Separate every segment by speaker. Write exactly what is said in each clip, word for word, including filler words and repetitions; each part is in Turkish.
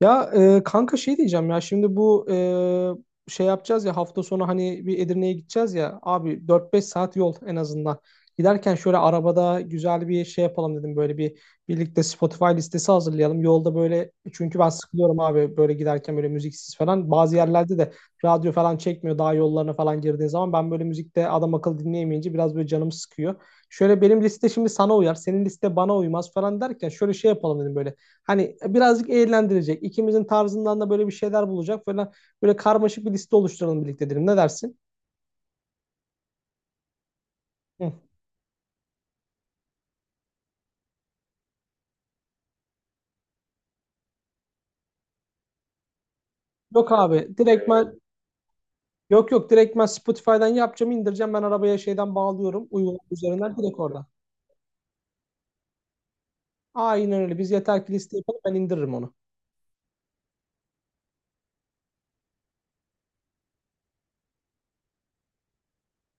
Speaker 1: Ya e, kanka şey diyeceğim ya şimdi bu e, şey yapacağız ya hafta sonu hani bir Edirne'ye gideceğiz ya abi dört beş saat yol en azından. Giderken şöyle arabada güzel bir şey yapalım dedim böyle bir birlikte Spotify listesi hazırlayalım. Yolda böyle çünkü ben sıkılıyorum abi böyle giderken böyle müziksiz falan. Bazı yerlerde de radyo falan çekmiyor daha yollarına falan girdiğin zaman ben böyle müzikte adam akıllı dinleyemeyince biraz böyle canım sıkıyor. Şöyle benim liste şimdi sana uyar, senin liste bana uymaz falan derken şöyle şey yapalım dedim böyle. Hani birazcık eğlendirecek, ikimizin tarzından da böyle bir şeyler bulacak falan. Böyle karmaşık bir liste oluşturalım birlikte dedim. Ne dersin? Hı. Yok abi, direkt Ee, ben yok yok direkt ben Spotify'dan yapacağım, indireceğim. Ben arabaya şeyden bağlıyorum, uygulama üzerinden direkt orada. Aynen öyle. Biz yeter ki liste yapalım, ben indiririm onu.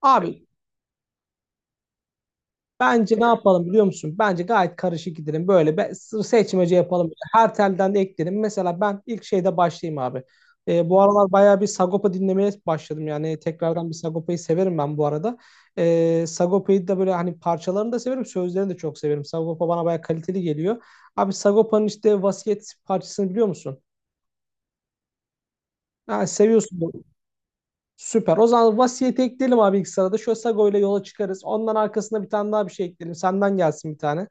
Speaker 1: Abi bence ne yapalım biliyor musun? Bence gayet karışık gidelim. Böyle be, sır- seçmece yapalım. Her telden de ekleyelim. Mesela ben ilk şeyde başlayayım abi. Ee, bu aralar bayağı bir Sagopa dinlemeye başladım. Yani tekrardan bir Sagopa'yı severim ben bu arada. Ee, Sagopa'yı da böyle hani parçalarını da severim. Sözlerini de çok severim. Sagopa bana bayağı kaliteli geliyor. Abi Sagopa'nın işte Vasiyet parçasını biliyor musun? Ha, seviyorsun bunu. Süper. O zaman Vasiyet'i ekleyelim abi ilk sırada. Şöyle Sago ile yola çıkarız. Ondan arkasında bir tane daha bir şey ekleyelim. Senden gelsin bir tane.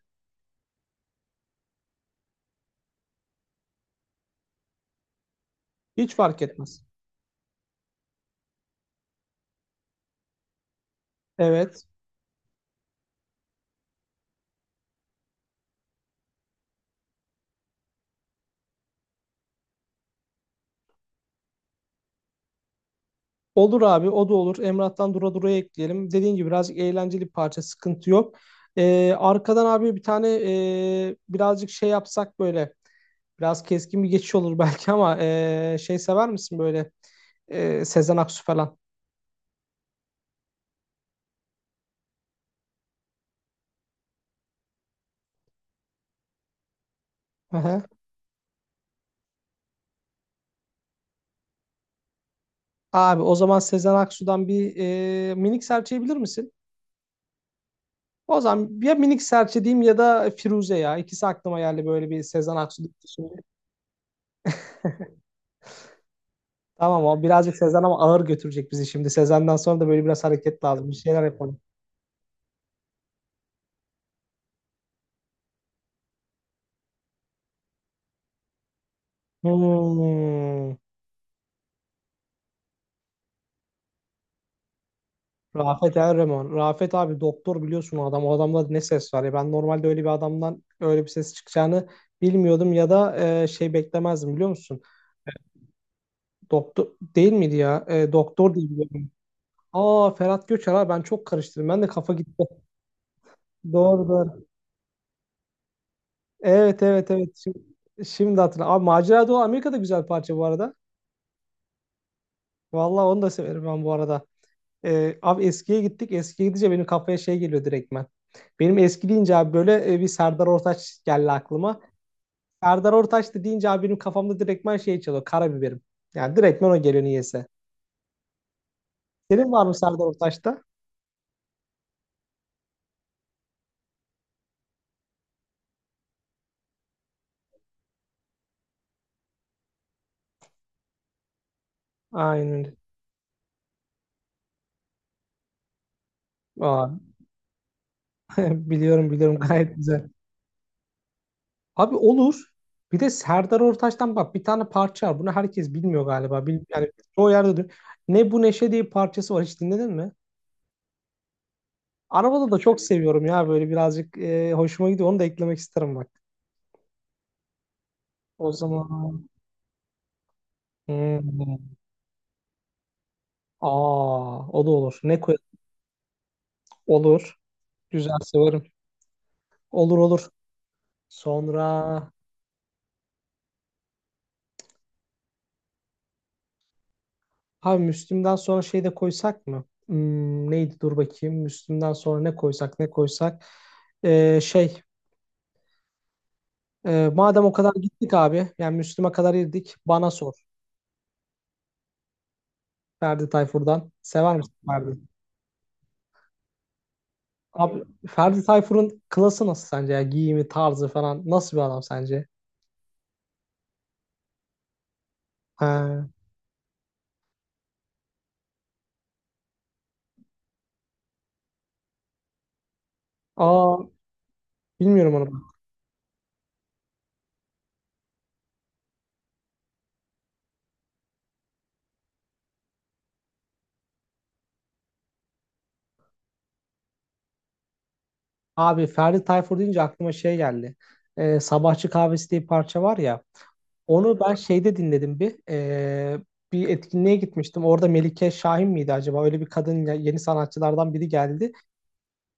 Speaker 1: Hiç fark etmez. Evet. Olur abi o da olur. Emrah'tan Dura Dura'ya ekleyelim. Dediğin gibi birazcık eğlenceli bir parça sıkıntı yok. Ee, arkadan abi bir tane e, birazcık şey yapsak böyle biraz keskin bir geçiş olur belki ama e, şey sever misin böyle e, Sezen Aksu falan? Aha. Abi o zaman Sezen Aksu'dan bir e, minik serçe bilir misin? O zaman ya minik serçe diyeyim ya da Firuze ya. İkisi aklıma geldi böyle bir Sezen Aksu. Tamam o birazcık Sezen ama ağır götürecek bizi şimdi. Sezen'den sonra da böyle biraz hareket lazım. Bir şeyler yapalım. Hmm. Rafet Erreman. Rafet abi doktor biliyorsun o adam. O adamda ne ses var ya. Ben normalde öyle bir adamdan öyle bir ses çıkacağını bilmiyordum ya da e, şey beklemezdim biliyor musun? Doktor değil miydi ya? E, doktor diye biliyorum. Aa Ferhat Göçer abi ben çok karıştırdım. Ben de kafa gitti. Doğru doğru. Evet evet evet. Şimdi, şimdi hatırladım. Abi Macera Dolu Amerika'da güzel parça bu arada. Vallahi onu da severim ben bu arada. Ee, abi eskiye gittik. Eskiye gidince benim kafaya şey geliyor direktmen. Benim eski deyince abi böyle e, bir Serdar Ortaç geldi aklıma. Serdar Ortaç da deyince abi benim kafamda direktmen şey çalıyor. Karabiberim. Yani direktmen o geliyor niyeyse. Senin var mı Serdar Ortaç'ta? Aynen öyle. Aa, biliyorum biliyorum gayet güzel. Abi olur. Bir de Serdar Ortaç'tan bak bir tane parça var. Bunu herkes bilmiyor galiba. Bil, yani çoğu yerde duy- Ne bu neşe diye bir parçası var. Hiç dinledin mi? Arabada da çok seviyorum ya böyle birazcık e, hoşuma gidiyor. Onu da eklemek isterim bak. O zaman hmm. Aa, o da olur. Ne koy? Olur. Güzel severim. Olur, olur. Sonra ha Müslüm'den sonra şey de koysak mı? Hmm, neydi? Dur bakayım. Müslüm'den sonra ne koysak ne koysak. Ee, şey e, Madem o kadar gittik abi. Yani Müslüm'e kadar girdik. Bana sor. Ferdi Tayfur'dan. Sever misin Ferdi? Abi Ferdi Tayfur'un klası nasıl sence ya? Giyimi, tarzı falan. Nasıl bir adam sence? Ha. Aa, bilmiyorum onu. Abi Ferdi Tayfur deyince aklıma şey geldi. Ee, Sabahçı Kahvesi diye bir parça var ya. Onu ben şeyde dinledim bir. Ee, bir etkinliğe gitmiştim. Orada Melike Şahin miydi acaba? Öyle bir kadın ya- yeni sanatçılardan biri geldi.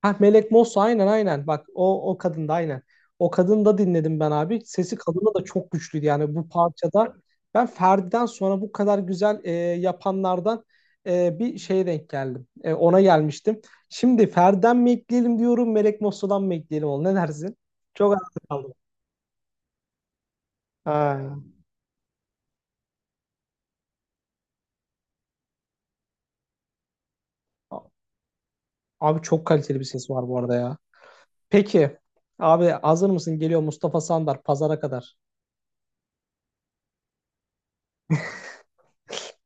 Speaker 1: Ha Melek Mosso aynen aynen. Bak o o kadın da aynen. O kadını da dinledim ben abi. Sesi kadına da çok güçlüydü yani bu parçada. Ben Ferdi'den sonra bu kadar güzel e, yapanlardan e, bir şeye denk geldim. E, ona gelmiştim. Şimdi Ferdi'den mi ekleyelim diyorum, Melek Mosso'dan mı ekleyelim oğlum? Ne dersin? Çok arada kaldım. Ha. Abi çok kaliteli bir ses var bu arada ya. Peki abi hazır mısın? Geliyor Mustafa Sandar pazara kadar.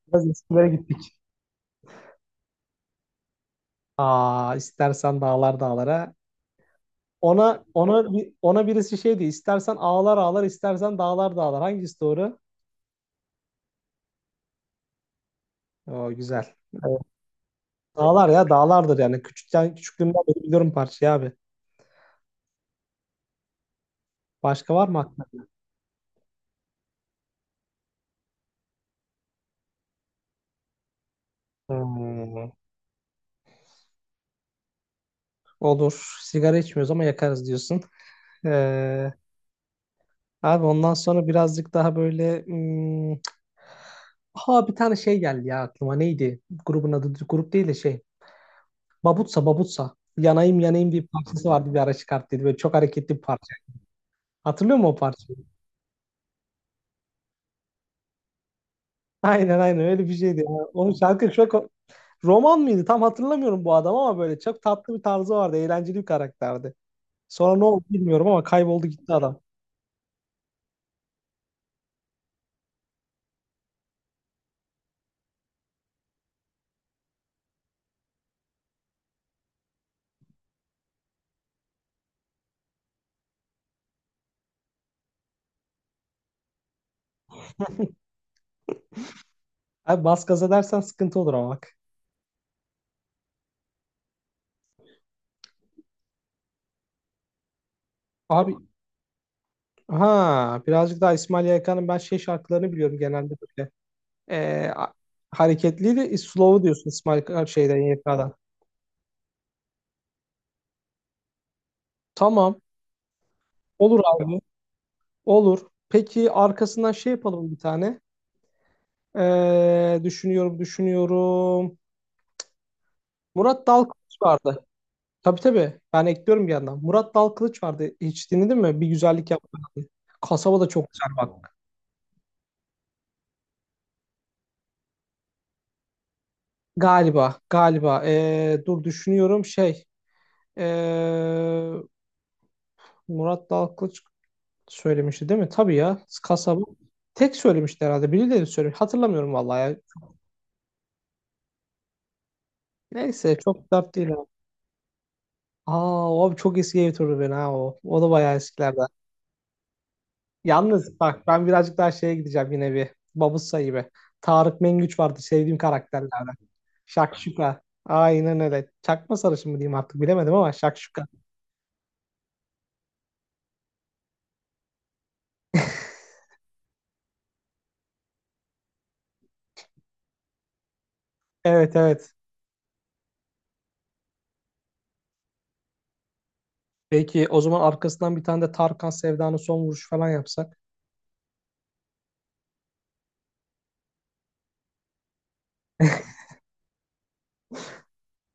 Speaker 1: Biraz eskilere gittik. Aa istersen dağlar dağlara, ona ona bir- ona birisi şeydi. İstersen ağlar ağlar, istersen dağlar dağlar. Hangisi doğru? Oo, güzel. Evet. Dağlar ya dağlardır yani. Küçükten küçüklüğümden beri biliyorum parçayı abi. Başka var mı aklında? Hmm. Olur. Sigara içmiyoruz ama yakarız diyorsun. Ee, Abi ondan sonra birazcık daha böyle hmm, ha bir tane şey geldi ya aklıma. Neydi? Grubun adı grup değil de şey. Babutsa Babutsa. Yanayım yanayım diye bir parçası vardı bir ara çıkarttıydı. Böyle çok hareketli bir parça. Hatırlıyor musun o parça? Aynen aynen öyle bir şeydi ya. Onun şarkı çok roman mıydı? Tam hatırlamıyorum bu adam ama böyle çok tatlı bir tarzı vardı. Eğlenceli bir karakterdi. Sonra ne oldu bilmiyorum ama kayboldu gitti adam. Abi bas gaza dersen sıkıntı olur ama bak. Abi ha birazcık daha İsmail Yaykan'ın ben şey şarkılarını biliyorum genelde böyle. Ee, a- Hareketliydi. Slow'u diyorsun İsmail Ka- şeyden Y K'dan. Tamam. Olur abi. Olur. Peki arkasından şey yapalım bir tane. Ee, düşünüyorum düşünüyorum. Murat Dalkılıç vardı. Tabii, tabii. Ben ekliyorum bir yandan. Murat Dalkılıç vardı. Hiç dinledin mi? Bir güzellik yaptı. Kasaba da çok güzel bak. Galiba, galiba. Ee, dur düşünüyorum şey. ee, Murat Dalkılıç söylemişti değil mi? Tabii ya. Kasaba. Tek söylemişti herhalde. Birileri söylemiş. Hatırlamıyorum vallahi ya. Neyse çok dert değil abi. Aa o abi çok eski ev turu ben ha o. O da bayağı eskilerden. Yalnız bak ben birazcık daha şeye gideceğim yine bir. Babus sayı be. Tarık Mengüç vardı sevdiğim karakterlerden. Şakşuka. Aynen öyle. Çakma sarışın mı diyeyim artık bilemedim ama şakşuka. Evet, evet. Peki o zaman arkasından bir tane de Tarkan Sevda'nın son vuruşu falan yapsak.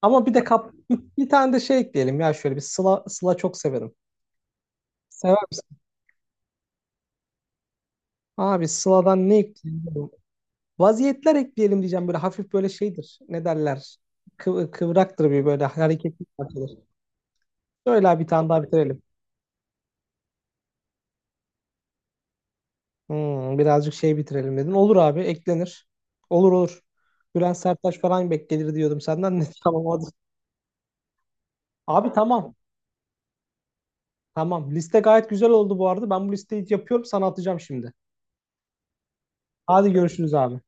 Speaker 1: Ama bir de kap bir, bir tane de şey ekleyelim ya şöyle bir Sıla, Sıla çok severim. Sever misin? Abi Sıla'dan ne ekleyelim bilmiyorum. Vaziyetler ekleyelim diyeceğim böyle hafif böyle şeydir. Ne derler? Kıv- kıvraktır bir böyle hareketli parçadır. Böyle bir tane daha bitirelim. Hmm, birazcık şey bitirelim dedin. Olur abi eklenir. Olur, olur. Bülent Serttaş falan beklenir diyordum senden. Ne tamam hadi. Abi tamam. Tamam. Liste gayet güzel oldu bu arada. Ben bu listeyi yapıyorum sana atacağım şimdi. Hadi görüşürüz abi.